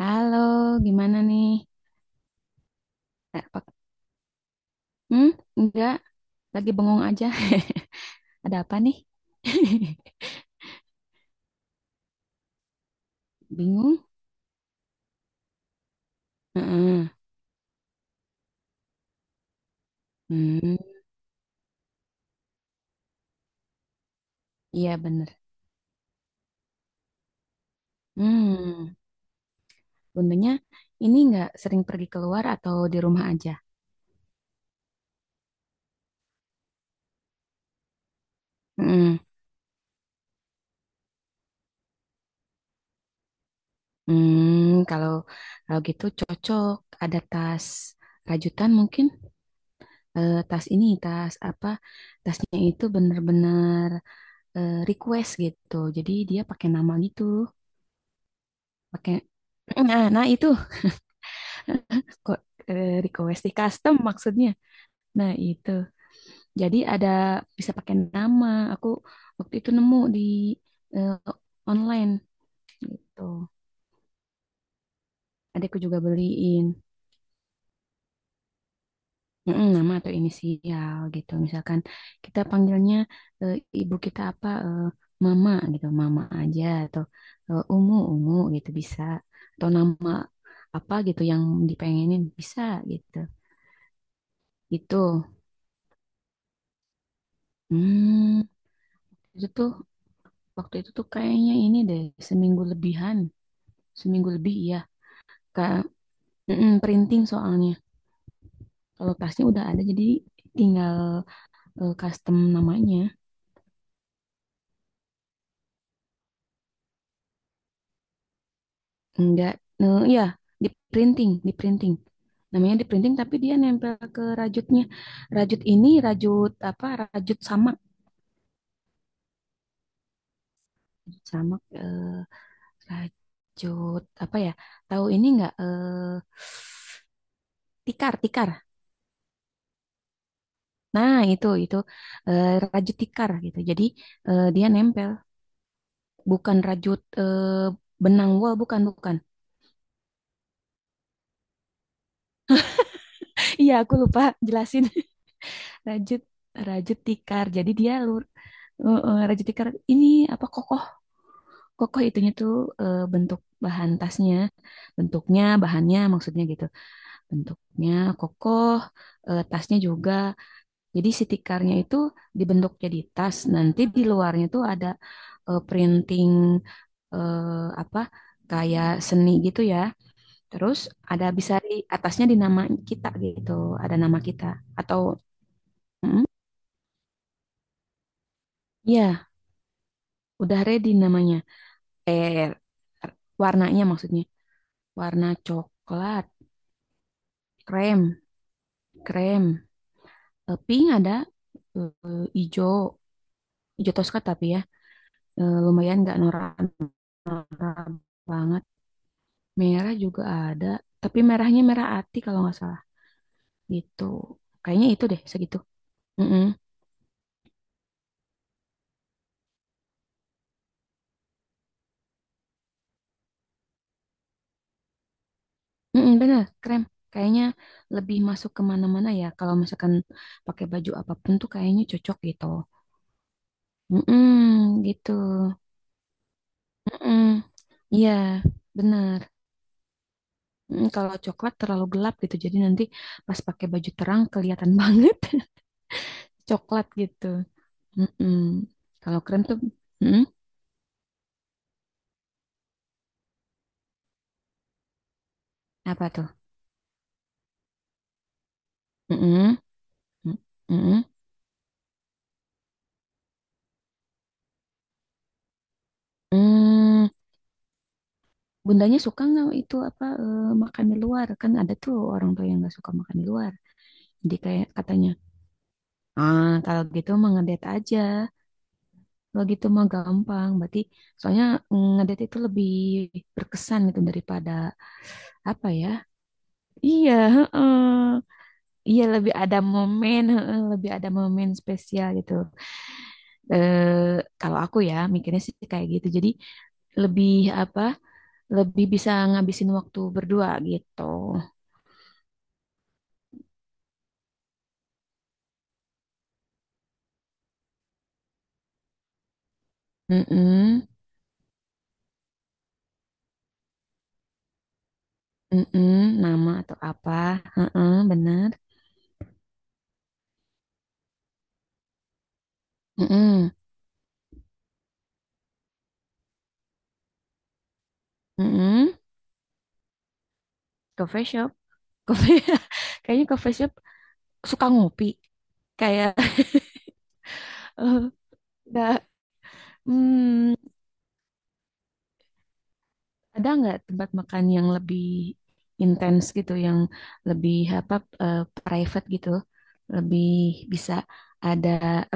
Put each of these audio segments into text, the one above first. Halo, gimana nih? Pak, hmm, enggak, lagi bengong aja. Ada apa nih? Bingung? Heeh. Hmm, iya bener. Hmm, bundanya ini enggak sering pergi keluar atau di rumah aja? Heeh. Hmm, kalau kalau gitu cocok. Ada tas rajutan mungkin. Tas ini, tas apa? Tasnya itu bener-bener request gitu. Jadi dia pakai nama gitu. Pakai nah, itu. Kok request di custom maksudnya. Nah, itu. Jadi ada bisa pakai nama. Aku waktu itu nemu di eh, online gitu. Adikku juga beliin. Mm-mm, nama atau inisial gitu. Misalkan kita panggilnya eh, ibu kita apa mama gitu, mama aja atau umu umu gitu bisa. Atau nama apa gitu yang dipengenin bisa gitu. Itu. Hmm, itu tuh. Waktu itu tuh kayaknya ini deh, seminggu lebihan. Seminggu lebih, iya. Kak, mm-mm, printing soalnya. Kalau tasnya udah ada, jadi tinggal custom namanya. Enggak, ya di printing, di printing. Namanya di printing, tapi dia nempel ke rajutnya. Rajut ini, rajut apa, rajut samak. Rajut samak, rajut apa ya, tahu ini enggak, tikar, tikar. Nah, itu eh, rajut tikar gitu. Jadi dia nempel, bukan rajut benang wol, bukan bukan. Iya, aku lupa jelasin. Rajut rajut tikar. Jadi dia rajut tikar ini apa kokoh kokoh itunya tuh bentuk bahan tasnya, bentuknya, bahannya maksudnya gitu. Bentuknya kokoh, tasnya juga. Jadi si tikarnya itu dibentuk jadi tas. Nanti di luarnya tuh ada printing eh, apa kayak seni gitu ya. Terus ada bisa di atasnya di nama kita gitu, ada nama kita atau mm, ya udah ready namanya. Eh Warnanya maksudnya warna coklat, krem, krem, pink ada, ijo, ijo toska tapi ya lumayan nggak norak-norak banget. Merah juga ada, tapi merahnya merah ati kalau nggak salah gitu. Kayaknya itu deh segitu. Mm-mm. Mm-mm, bener, krem. Kayaknya lebih masuk kemana mana ya. Kalau misalkan pakai baju apapun tuh kayaknya cocok gitu. Mm-mm, gitu. Mm-mm. Iya, bener. Kalau coklat terlalu gelap gitu, jadi nanti pas pakai baju terang kelihatan banget coklat gitu. Mm-mm. Kalau krem tuh, mm, apa tuh? Mm-mm. Mm-mm. Mm. Bundanya suka nggak itu apa makan di luar? Kan ada tuh orang tua yang nggak suka makan di luar. Jadi kayak katanya, ah kalau gitu mah ngedet aja. Kalau gitu mah gampang. Berarti soalnya ngedet itu lebih berkesan gitu daripada apa ya? Iya, heeh. Iya lebih ada momen, heeh, lebih ada momen spesial gitu. Kalau aku ya mikirnya sih kayak gitu. Jadi lebih apa? Lebih bisa ngabisin waktu berdua gitu. Mm-mm. Mm-mm, nama atau apa? Heeh, bener. Mm-mm, mm-mm. Coffee shop, coffee. Kayaknya coffee shop suka ngopi. Kayak eh, nggak. Hmm, ada nggak tempat makan yang lebih intens gitu, yang lebih apa eh, private gitu, lebih bisa ada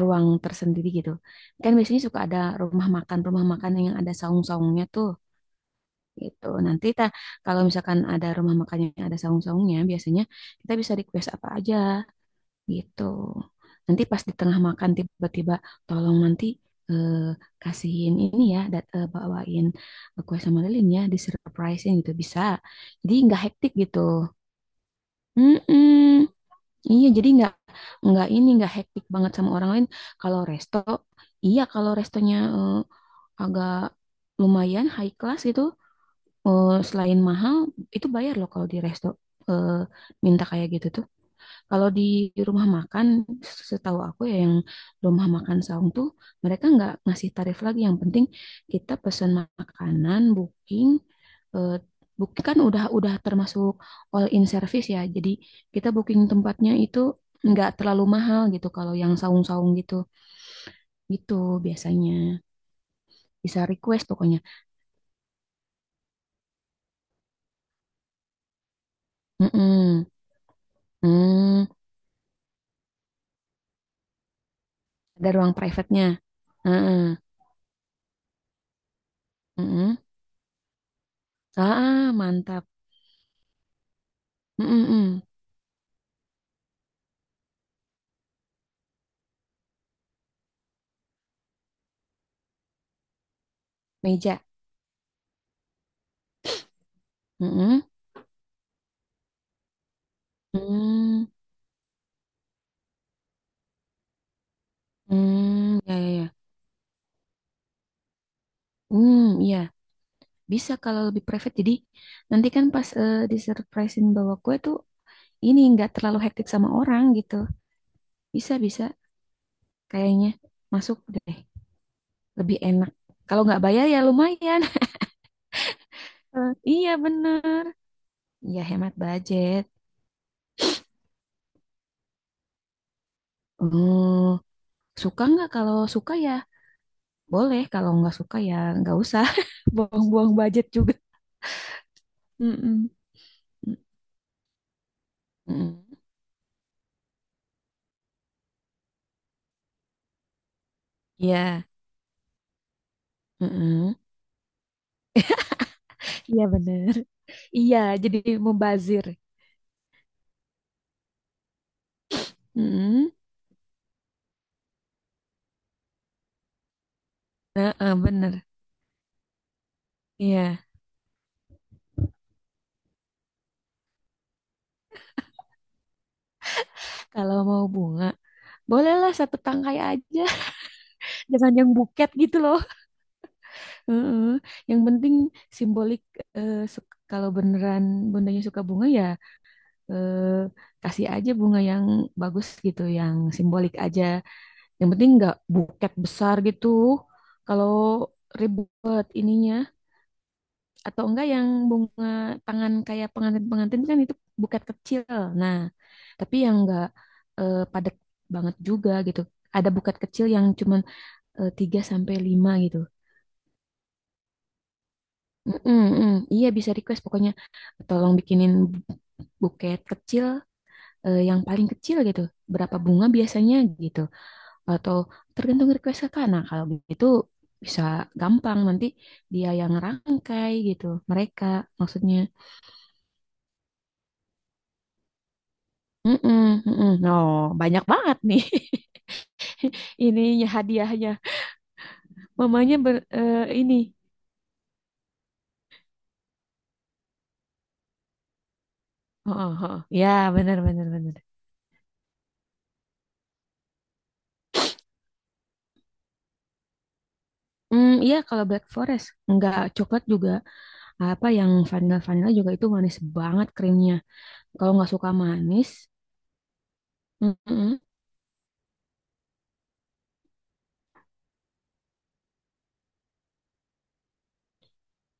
ruang tersendiri gitu. Kan biasanya suka ada rumah makan yang ada saung-saungnya tuh. Gitu. Nanti kita kalau misalkan ada rumah makannya ada saung-saungnya, biasanya kita bisa request apa aja gitu. Nanti pas di tengah makan tiba-tiba tolong nanti eh, kasihin ini ya, bawain kue sama lilinnya, di surprisein gitu bisa. Jadi nggak hektik gitu. Mm-mm. Iya, jadi nggak ini nggak hektik banget sama orang lain. Kalau resto, iya kalau restonya agak lumayan high class gitu. Selain mahal, itu bayar loh kalau di resto eh, minta kayak gitu tuh. Kalau di rumah makan, setahu aku ya yang rumah makan saung tuh mereka nggak ngasih tarif lagi. Yang penting kita pesan makanan, eh, booking kan udah termasuk all in service ya. Jadi kita booking tempatnya itu nggak terlalu mahal gitu. Kalau yang saung-saung gitu, gitu biasanya bisa request pokoknya. Mm-mm. Hmm, ada ruang private-nya. Heeh. Mm-mm. Ah, mantap. Mm-mm-mm. Meja. Mm-mm. Hmm. Hmm. Ya, ya, ya. Hmm, ya, bisa kalau lebih private. Jadi nanti kan pas disurprisein bawa kue tuh ini nggak terlalu hektik sama orang gitu. Bisa, bisa. Kayaknya masuk deh. Lebih enak. Kalau nggak bayar ya lumayan. Iya, bener. Iya, hemat budget. Hmm. Suka nggak? Kalau suka ya boleh. Kalau nggak suka ya nggak usah. Buang-buang budget juga. Mm-mm. Mm-mm. Iya. Mm-mm. Iya bener. Iya, jadi mubazir. Mm-mm. Heeh, bener. Iya. Kalau mau bunga, bolehlah satu tangkai aja. Jangan yang buket gitu loh. Heeh. Yang penting simbolik. eh, su- kalau beneran bundanya suka bunga ya eh, kasih aja bunga yang bagus gitu, yang simbolik aja. Yang penting nggak buket besar gitu. Kalau ribet ininya atau enggak yang bunga tangan kayak pengantin-pengantin kan itu buket kecil. Nah, tapi yang enggak padat banget juga gitu. Ada buket kecil yang cuman 3 sampai 5 gitu. Mm-mm, mm. Iya bisa request pokoknya tolong bikinin buket kecil yang paling kecil gitu. Berapa bunga biasanya gitu. Atau tergantung request kakak. Nah, kalau begitu bisa gampang nanti dia yang rangkai gitu. Mereka maksudnya. Mm-mm, mm-mm. Oh, banyak banget nih ininya hadiahnya. Mamanya ini. Oh, oh, oh. Ya, benar benar benar. Iya kalau Black Forest nggak coklat juga apa yang vanilla vanilla juga itu manis banget krimnya. Kalau nggak suka manis, mm-mm,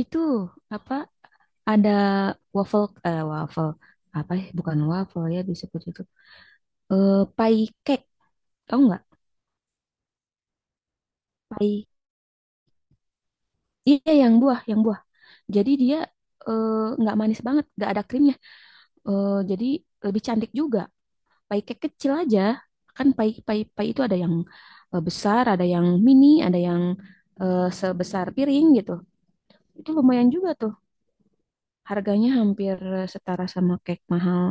itu apa ada waffle apa ya? Bukan waffle ya disebut itu. Pie cake, tahu nggak? Pie. Iya yang buah, yang buah. Jadi dia eh, nggak manis banget, nggak ada krimnya. Jadi lebih cantik juga. Pai cake kecil aja. Kan pai pai pai itu ada yang besar, ada yang mini, ada yang sebesar piring gitu. Itu lumayan juga tuh. Harganya hampir setara sama cake mahal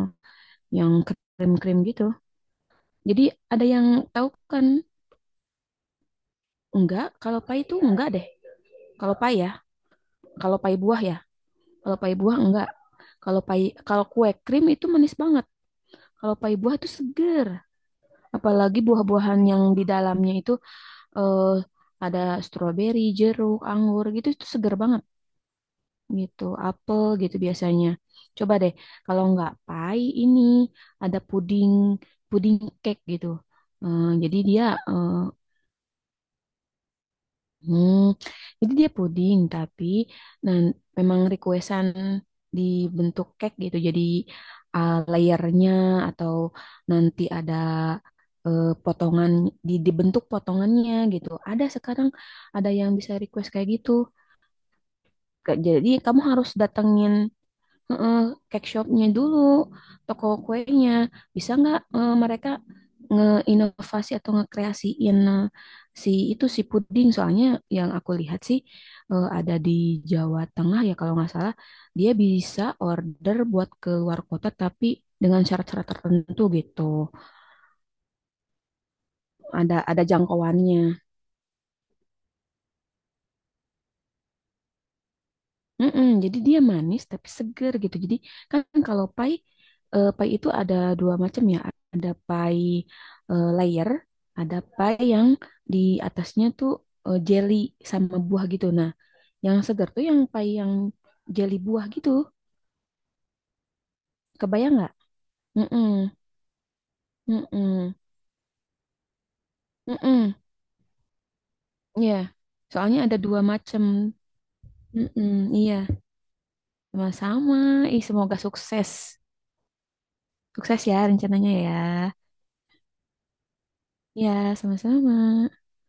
yang krim-krim gitu. Jadi ada yang tahu kan? Enggak, kalau pai itu enggak deh. Kalau pai ya, kalau pai buah ya. Kalau pai buah enggak. Kalau pai Kalau kue krim itu manis banget. Kalau pai buah itu seger, apalagi buah-buahan yang di dalamnya itu eh, ada stroberi, jeruk, anggur gitu itu seger banget gitu, apel gitu biasanya. Coba deh, kalau nggak pai ini ada puding puding cake gitu. Eh, jadi dia eh, Hmm, jadi dia puding, tapi nah, memang requestan dibentuk cake gitu. Jadi layernya atau nanti ada potongan dibentuk potongannya gitu. Ada sekarang ada yang bisa request kayak gitu. Jadi kamu harus datengin. Heeh, cake shopnya dulu, toko kuenya. Bisa nggak mereka ngeinovasi atau ngekreasiin si itu si puding? Soalnya yang aku lihat sih ada di Jawa Tengah ya kalau nggak salah, dia bisa order buat ke luar kota tapi dengan syarat-syarat tertentu gitu. Ada jangkauannya. Mm-mm, jadi dia manis tapi seger gitu. Jadi kan kalau pai, pai itu ada dua macam ya. Ada pai layer, ada pai yang di atasnya tuh jelly sama buah gitu. Nah, yang seger tuh yang pai yang jelly buah gitu. Kebayang nggak? Mm-mm, mm-mm, mm-mm. Iya. Soalnya ada dua macam. Mm-mm, iya, sama-sama. Ih, semoga sukses. Sukses ya rencananya ya. Ya, sama-sama.